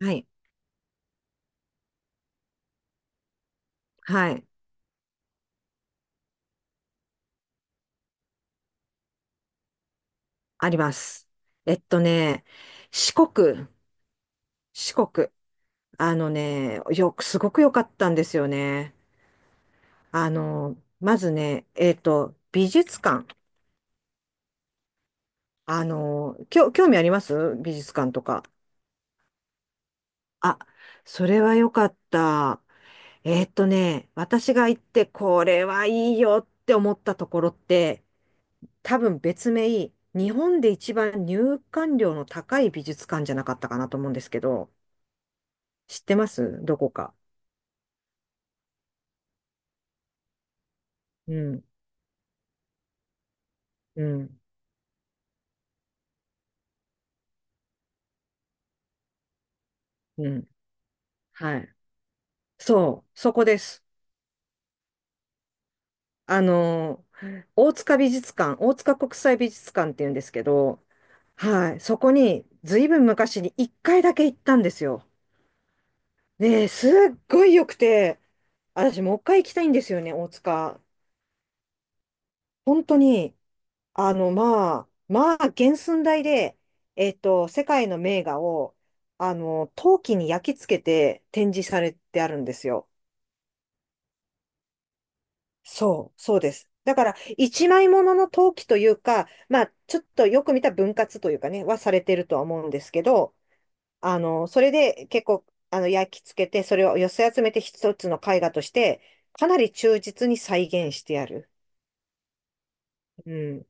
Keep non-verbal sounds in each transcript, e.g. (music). はい。はい。あります。えっとね、四国、四国。あのね、よく、すごく良かったんですよね。あの、まずね、美術館。あの、興味あります美術館とか。あ、それは良かった。私が行って、これはいいよって思ったところって、多分別名、日本で一番入館料の高い美術館じゃなかったかなと思うんですけど、知ってますどこか？うん、うん、うん。はい。そう、そこです。あの、大塚国際美術館っていうんですけど、はい、そこに随分昔に1回だけ行ったんですよ。ねえ、すっごい良くて、私もう一回行きたいんですよね、大塚。本当に、あの、まあ、原寸大で、世界の名画を、あの、陶器に焼き付けて展示されてあるんですよ。そう、そうです。だから、一枚物の陶器というか、まあ、ちょっとよく見た分割というかね、はされてるとは思うんですけど、あの、それで結構、あの、焼き付けて、それを寄せ集めて一つの絵画として、かなり忠実に再現してある。うん。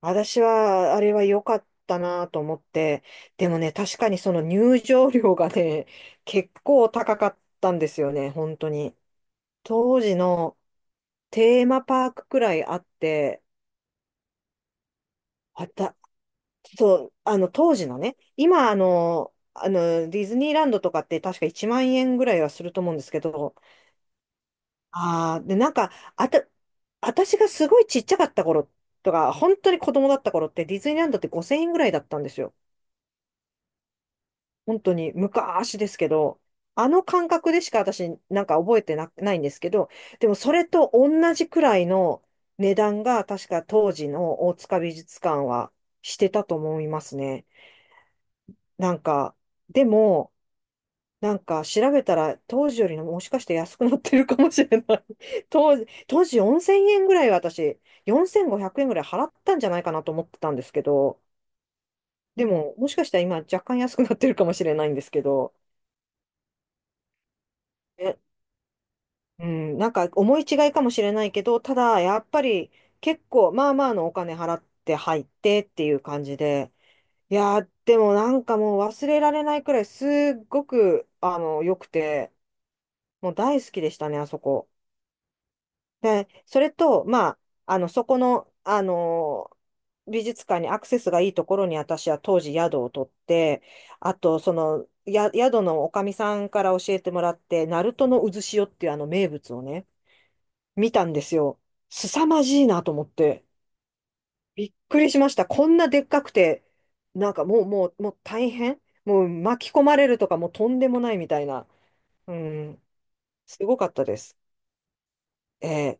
私は、あれは良かったなと思って、でもね、確かにその入場料がね、結構高かったんですよね、本当に。当時のテーマパークくらいあって、あたそう、あの、当時のね、今、あの、ディズニーランドとかって確か1万円ぐらいはすると思うんですけど、ああ、で、なんか、あた、私がすごいちっちゃかった頃とか、本当に子供だった頃ってディズニーランドって5000円ぐらいだったんですよ。本当に昔ですけど、あの感覚でしか私なんか覚えてな、ないんですけど、でもそれと同じくらいの値段が確か当時の大塚美術館はしてたと思いますね。なんか、でも、なんか調べたら当時よりのもしかして安くなってるかもしれない。 (laughs) 当時、4000円ぐらい私、4500円ぐらい払ったんじゃないかなと思ってたんですけど、でももしかしたら今若干安くなってるかもしれないんですけど、え、うん、なんか思い違いかもしれないけど、ただやっぱり結構まあまあのお金払って入ってっていう感じで、いやーでもなんかもう忘れられないくらいすっごくあの良くて、もう大好きでしたね、あそこ。で、それと、まあ、あの、そこの、あの美術館にアクセスがいいところに私は当時宿を取って、あと、その、宿のおかみさんから教えてもらって、ナルトの渦潮っていうあの名物をね、見たんですよ。凄まじいなと思って。びっくりしました。こんなでっかくて、なんかもう、もう、もう大変もう巻き込まれるとかもうとんでもないみたいな。うん。すごかったです。えー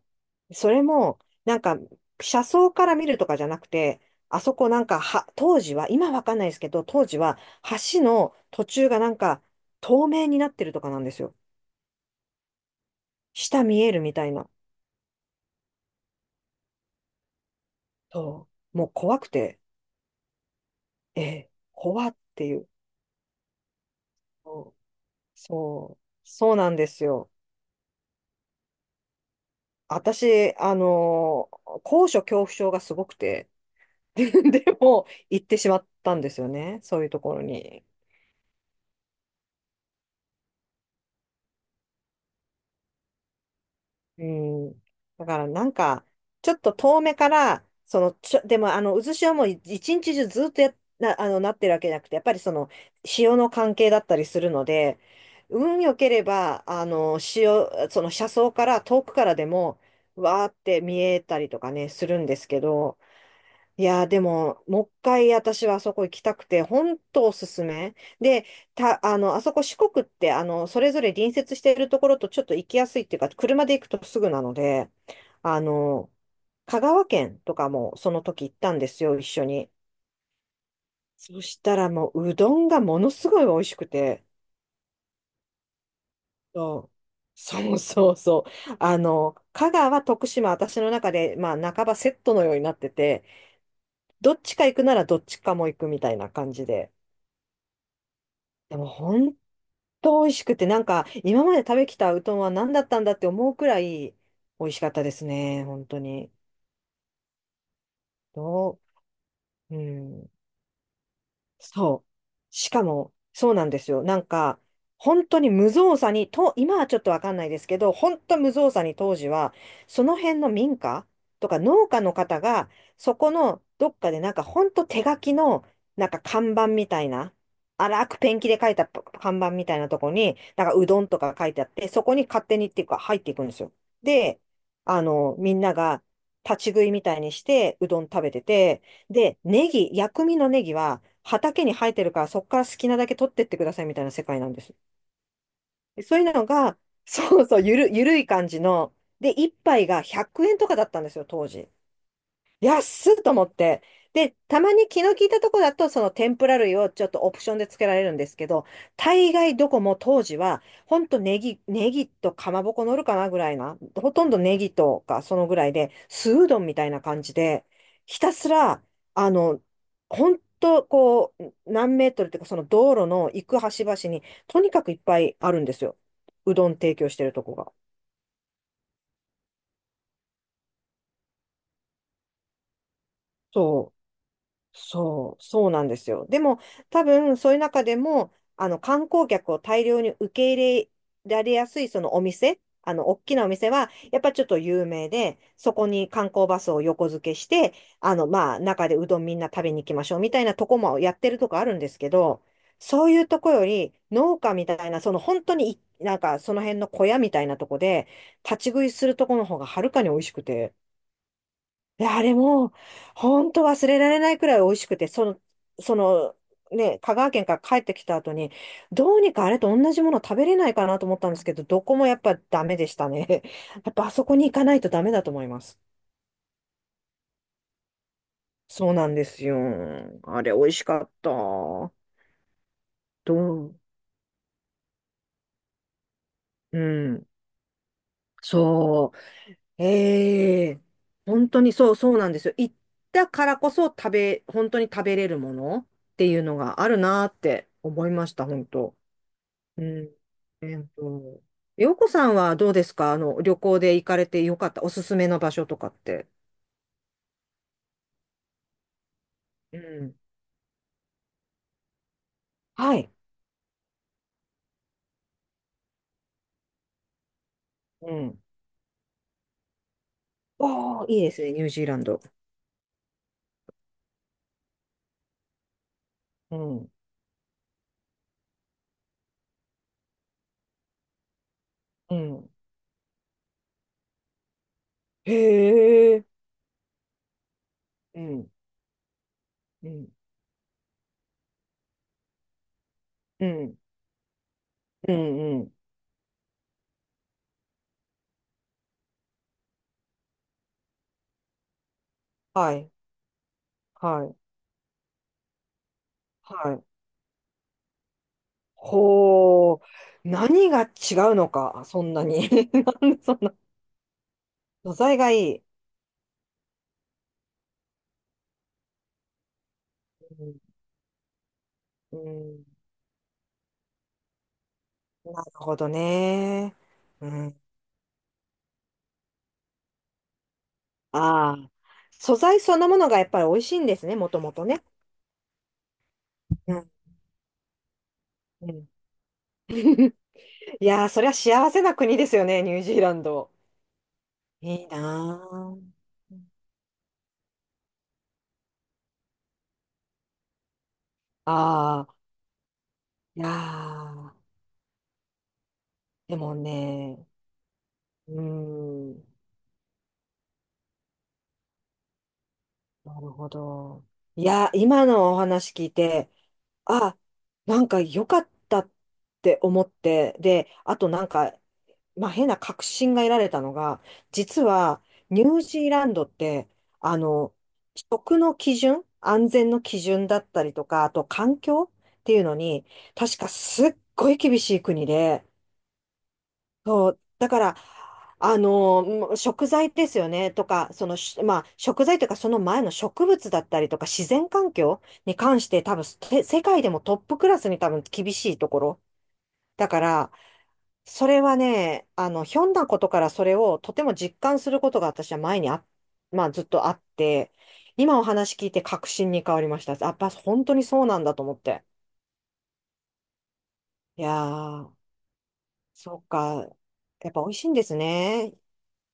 それも、なんか、車窓から見るとかじゃなくて、あそこなんかは、当時は、今わかんないですけど、当時は、橋の途中がなんか、透明になってるとかなんですよ。下見えるみたいな。そう。もう怖くて、ええ、怖っていう。そう、そうそうなんですよ。私、高所恐怖症がすごくて、(laughs) でも、行ってしまったんですよね。そういうところに。うん。だからなんか、ちょっと遠目から、その、でもあの、渦潮も一日中ずっとあの、なってるわけじゃなくて、やっぱりその、潮の関係だったりするので、運良ければ、あの、潮、その車窓から、遠くからでも、わーって見えたりとかね、するんですけど、いやー、でも、もう一回私はあそこ行きたくて、本当おすすめ。で、あの、あそこ四国って、あの、それぞれ隣接しているところとちょっと行きやすいっていうか、車で行くとすぐなので、あの、香川県とかもその時行ったんですよ、一緒に。そしたらもう、うどんがものすごい美味しくて。そうそうそうそう。あの、香川、徳島、私の中で、まあ、半ばセットのようになってて、どっちか行くならどっちかも行くみたいな感じで。でも本当美味しくて、なんか今まで食べきたうどんは何だったんだって思うくらい美味しかったですね、本当に。どうん。そう。しかも、そうなんですよ。なんか、本当に無造作に、今はちょっとわかんないですけど、本当無造作に当時は、その辺の民家とか農家の方が、そこのどっかでなんか本当手書きの、なんか看板みたいな、荒くペンキで書いた看板みたいなとこに、なんかうどんとか書いてあって、そこに勝手にっていうか入っていくんですよ。で、あの、みんなが立ち食いみたいにして、うどん食べてて、で、ネギ、薬味のネギは畑に生えてるから、そこから好きなだけ取ってってくださいみたいな世界なんです。でそういうのが、そうそう、ゆるい感じの、で、一杯が100円とかだったんですよ、当時。安っと思って。で、たまに気の利いたとこだと、その天ぷら類をちょっとオプションで付けられるんですけど、大概どこも当時は、ほんとネギとかまぼこ乗るかなぐらいな、ほとんどネギとかそのぐらいで、酢うどんみたいな感じで、ひたすら、あの、ほんとこう、何メートルっていうか、その道路の行く端々に、とにかくいっぱいあるんですよ。うどん提供してるとこが。そう。そうなんですよ。でも、多分、そういう中でも、あの、観光客を大量に受け入れられやすい、そのお店、あの、大きなお店は、やっぱちょっと有名で、そこに観光バスを横付けして、あの、まあ、中でうどんみんな食べに行きましょう、みたいなとこもやってるとこあるんですけど、そういうとこより、農家みたいな、その本当になんか、その辺の小屋みたいなとこで、立ち食いするとこの方がはるかに美味しくて、いや、あれも、本当忘れられないくらい美味しくて、その、ね、香川県から帰ってきた後に、どうにかあれと同じもの食べれないかなと思ったんですけど、どこもやっぱダメでしたね。(laughs) やっぱあそこに行かないとダメだと思います。そうなんですよ。あれ美味しかった。ううん。そう。ええ、本当にそうそうなんですよ。行ったからこそ本当に食べれるものっていうのがあるなーって思いました、本当。うん。えっと、洋子さんはどうですか？あの、旅行で行かれてよかった、おすすめの場所とかって。うん。はい。うん。おー、いいですね、ニュージーランド。うん。うん。へえ。うん。うん。うん。うん。うん。はい。はい。はい。ほー。何が違うのか、そんなに。(laughs) なんでそんな。素材がいい。うん。うん。なるほどね。うん。ああ、素材そのものがやっぱり美味しいんですね、もともとね。うん。うん。 (laughs) いやー、そりゃ幸せな国ですよね、ニュージーランド。いいなー。ああ、いやー、でもね、うーん、なるほど。いやー、今のお話聞いて、あ、なんか良かったって思って、で、あとなんか、まあ、変な確信が得られたのが、実はニュージーランドって、あの、食の基準、安全の基準だったりとか、あと環境っていうのに、確かすっごい厳しい国で、そう、だから、あの、もう食材ですよね、とか、その、し、まあ、食材というか、その前の植物だったりとか、自然環境に関して、多分、て世界でもトップクラスに多分厳しいところ。だから、それはね、あの、ひょんなことからそれをとても実感することが私は前にあ、まあずっとあって、今お話聞いて確信に変わりました。やっぱ本当にそうなんだと思って。いやー、そうか。やっぱ美味しいんですね。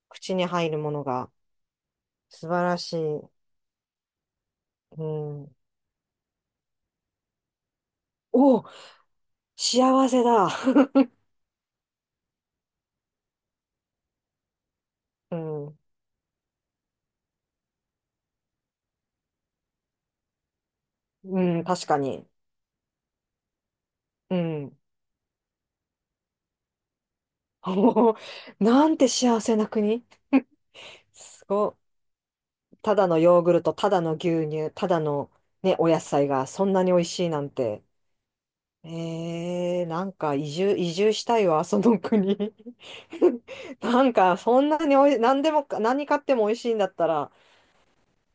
口に入るものが。素晴らしい。うん。お、幸せだ。(laughs) うん。うん、確かに。うん。(laughs) おー。なんて幸せな国。すごっ。ただのヨーグルト、ただの牛乳、ただのね、お野菜がそんなに美味しいなんて。えー、なんか移住、移住したいわ、その国。(laughs) なんかそんなにおい、何でもか、何買っても美味しいんだったら、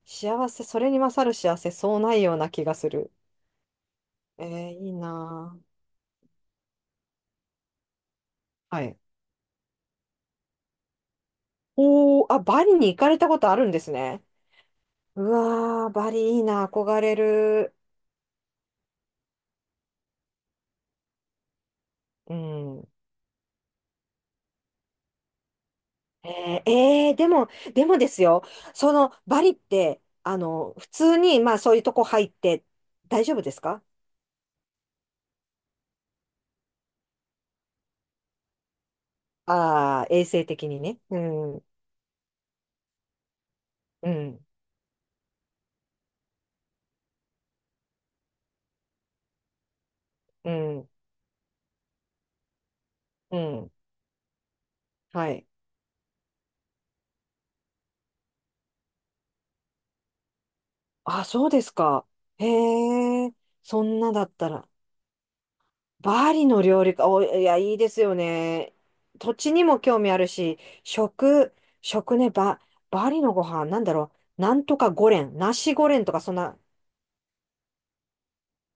幸せ、それに勝る幸せ、そうないような気がする。えー、いいなぁ。はい。おー、あ、バリに行かれたことあるんですね。うわー、バリいいな、憧れる。うん。えー、えーでも、でもですよ、そのバリって、あの、普通に、まあそういうとこ入って大丈夫ですか。ああー、衛生的にね。うん、うん、うん、うん。はい。あ、そうですか。へえ、そんなだったら。バリの料理か、お、いや、いいですよね。土地にも興味あるし、食、食ね、バ、バリのご飯、なんだろう。なんとかゴレン、ナシゴレンとか、そんな、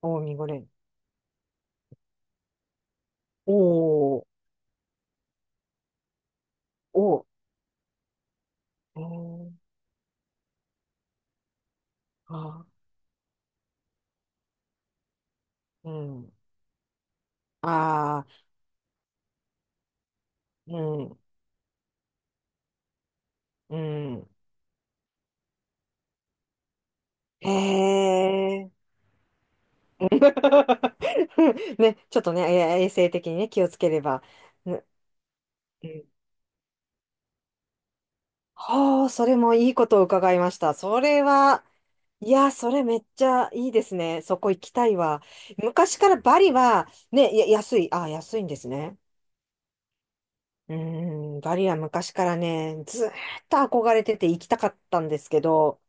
おーミゴレン。おー。おー。えー、あ、うん。ああ、うん、うん。へえ。(laughs) ね、ちょっとね、え、衛生的にね、気をつければ。ね。うん。はあ、それもいいことを伺いました。それは、いや、それめっちゃいいですね。そこ行きたいわ。昔からバリは、ね、や、安い。あ、安いんですね。うーん、バリは昔からね、ずーっと憧れてて行きたかったんですけど、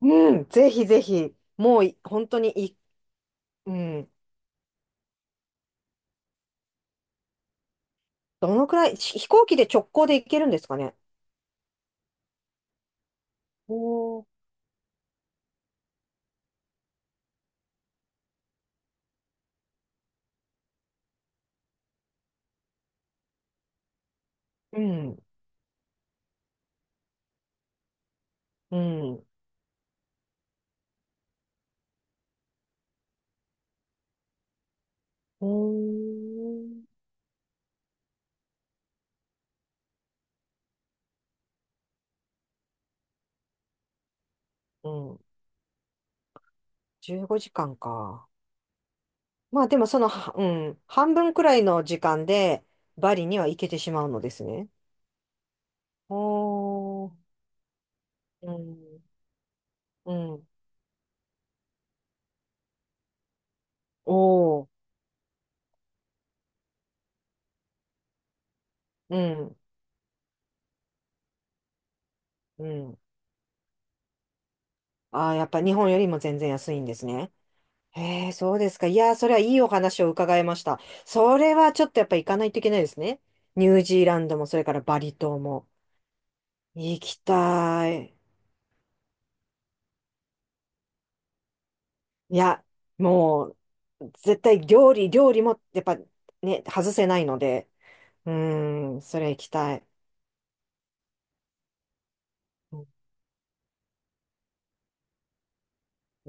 うん、ぜひぜひ、もうい本当にい、うん、どのくらい、し飛行機で直行で行けるんですかね。おー、うん、うん、おー、うん、15時間かんか。まあでもその、はうん、半分くらいの時間でバリには行けてしまうのですね。おー、うん、うん、おー、うん、うん。ああ、やっぱ日本よりも全然安いんですね。へえ、そうですか。いやー、それはいいお話を伺いました。それはちょっとやっぱ行かないといけないですね。ニュージーランドも、それからバリ島も。行きたい。いや、もう、絶対料理、料理も、やっぱね、外せないので、うーん、それ行きたい。う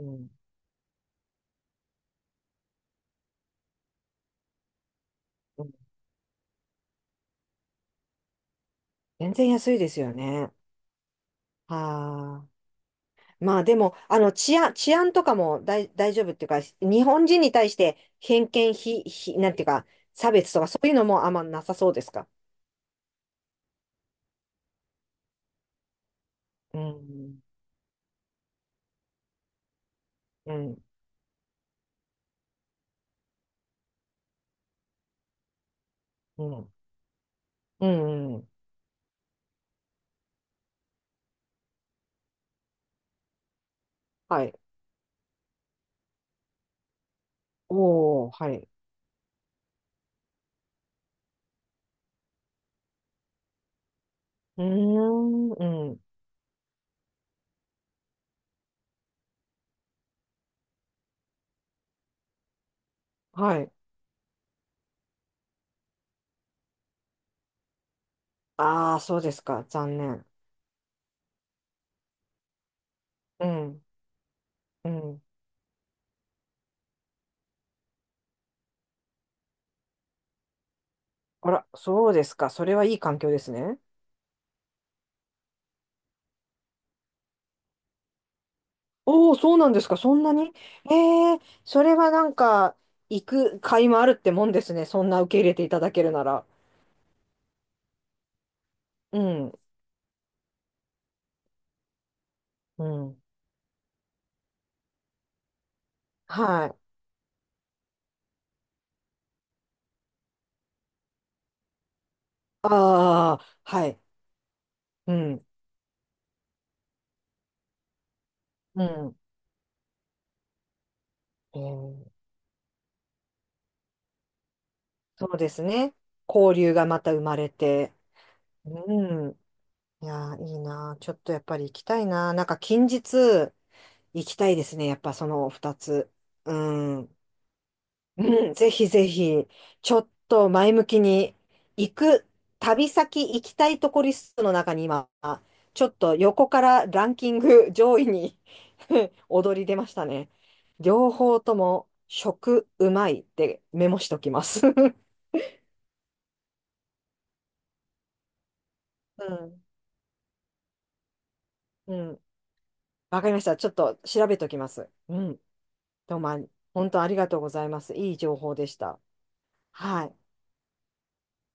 ん、うん。全然安いですよね。はあ。まあでも、あの、治安、治安とかも大、大丈夫っていうか、日本人に対して偏見、ひ、ひ、なんていうか、差別とかそういうのもあんまなさそうですか。うん、うん、うん、うん、うん、はい。おー、はい。うーん、うん、はい。ああ、そうですか。残念。うん、うん。あら、そうですか。それはいい環境ですね。おー、そうなんですか。そんなに。ええー、それはなんか、行く甲斐もあるってもんですね。そんな受け入れていただけるなら。うん、うん、はい。ああ、はい。うん、うん。えー、そうですね。交流がまた生まれて。うん。いやー、いいなー。ちょっとやっぱり行きたいなー。なんか近日行きたいですね。やっぱその二つ。うん。うん、ぜひぜひ、ちょっと前向きに行く、旅先行きたいとこリストの中に今、ちょっと横からランキング上位に (laughs) 躍り出ましたね。両方とも食うまいってメモしときます。(laughs) うん、うん。わかりました。ちょっと調べときます。うん。どうもあり、本当ありがとうございます。いい情報でした。はい。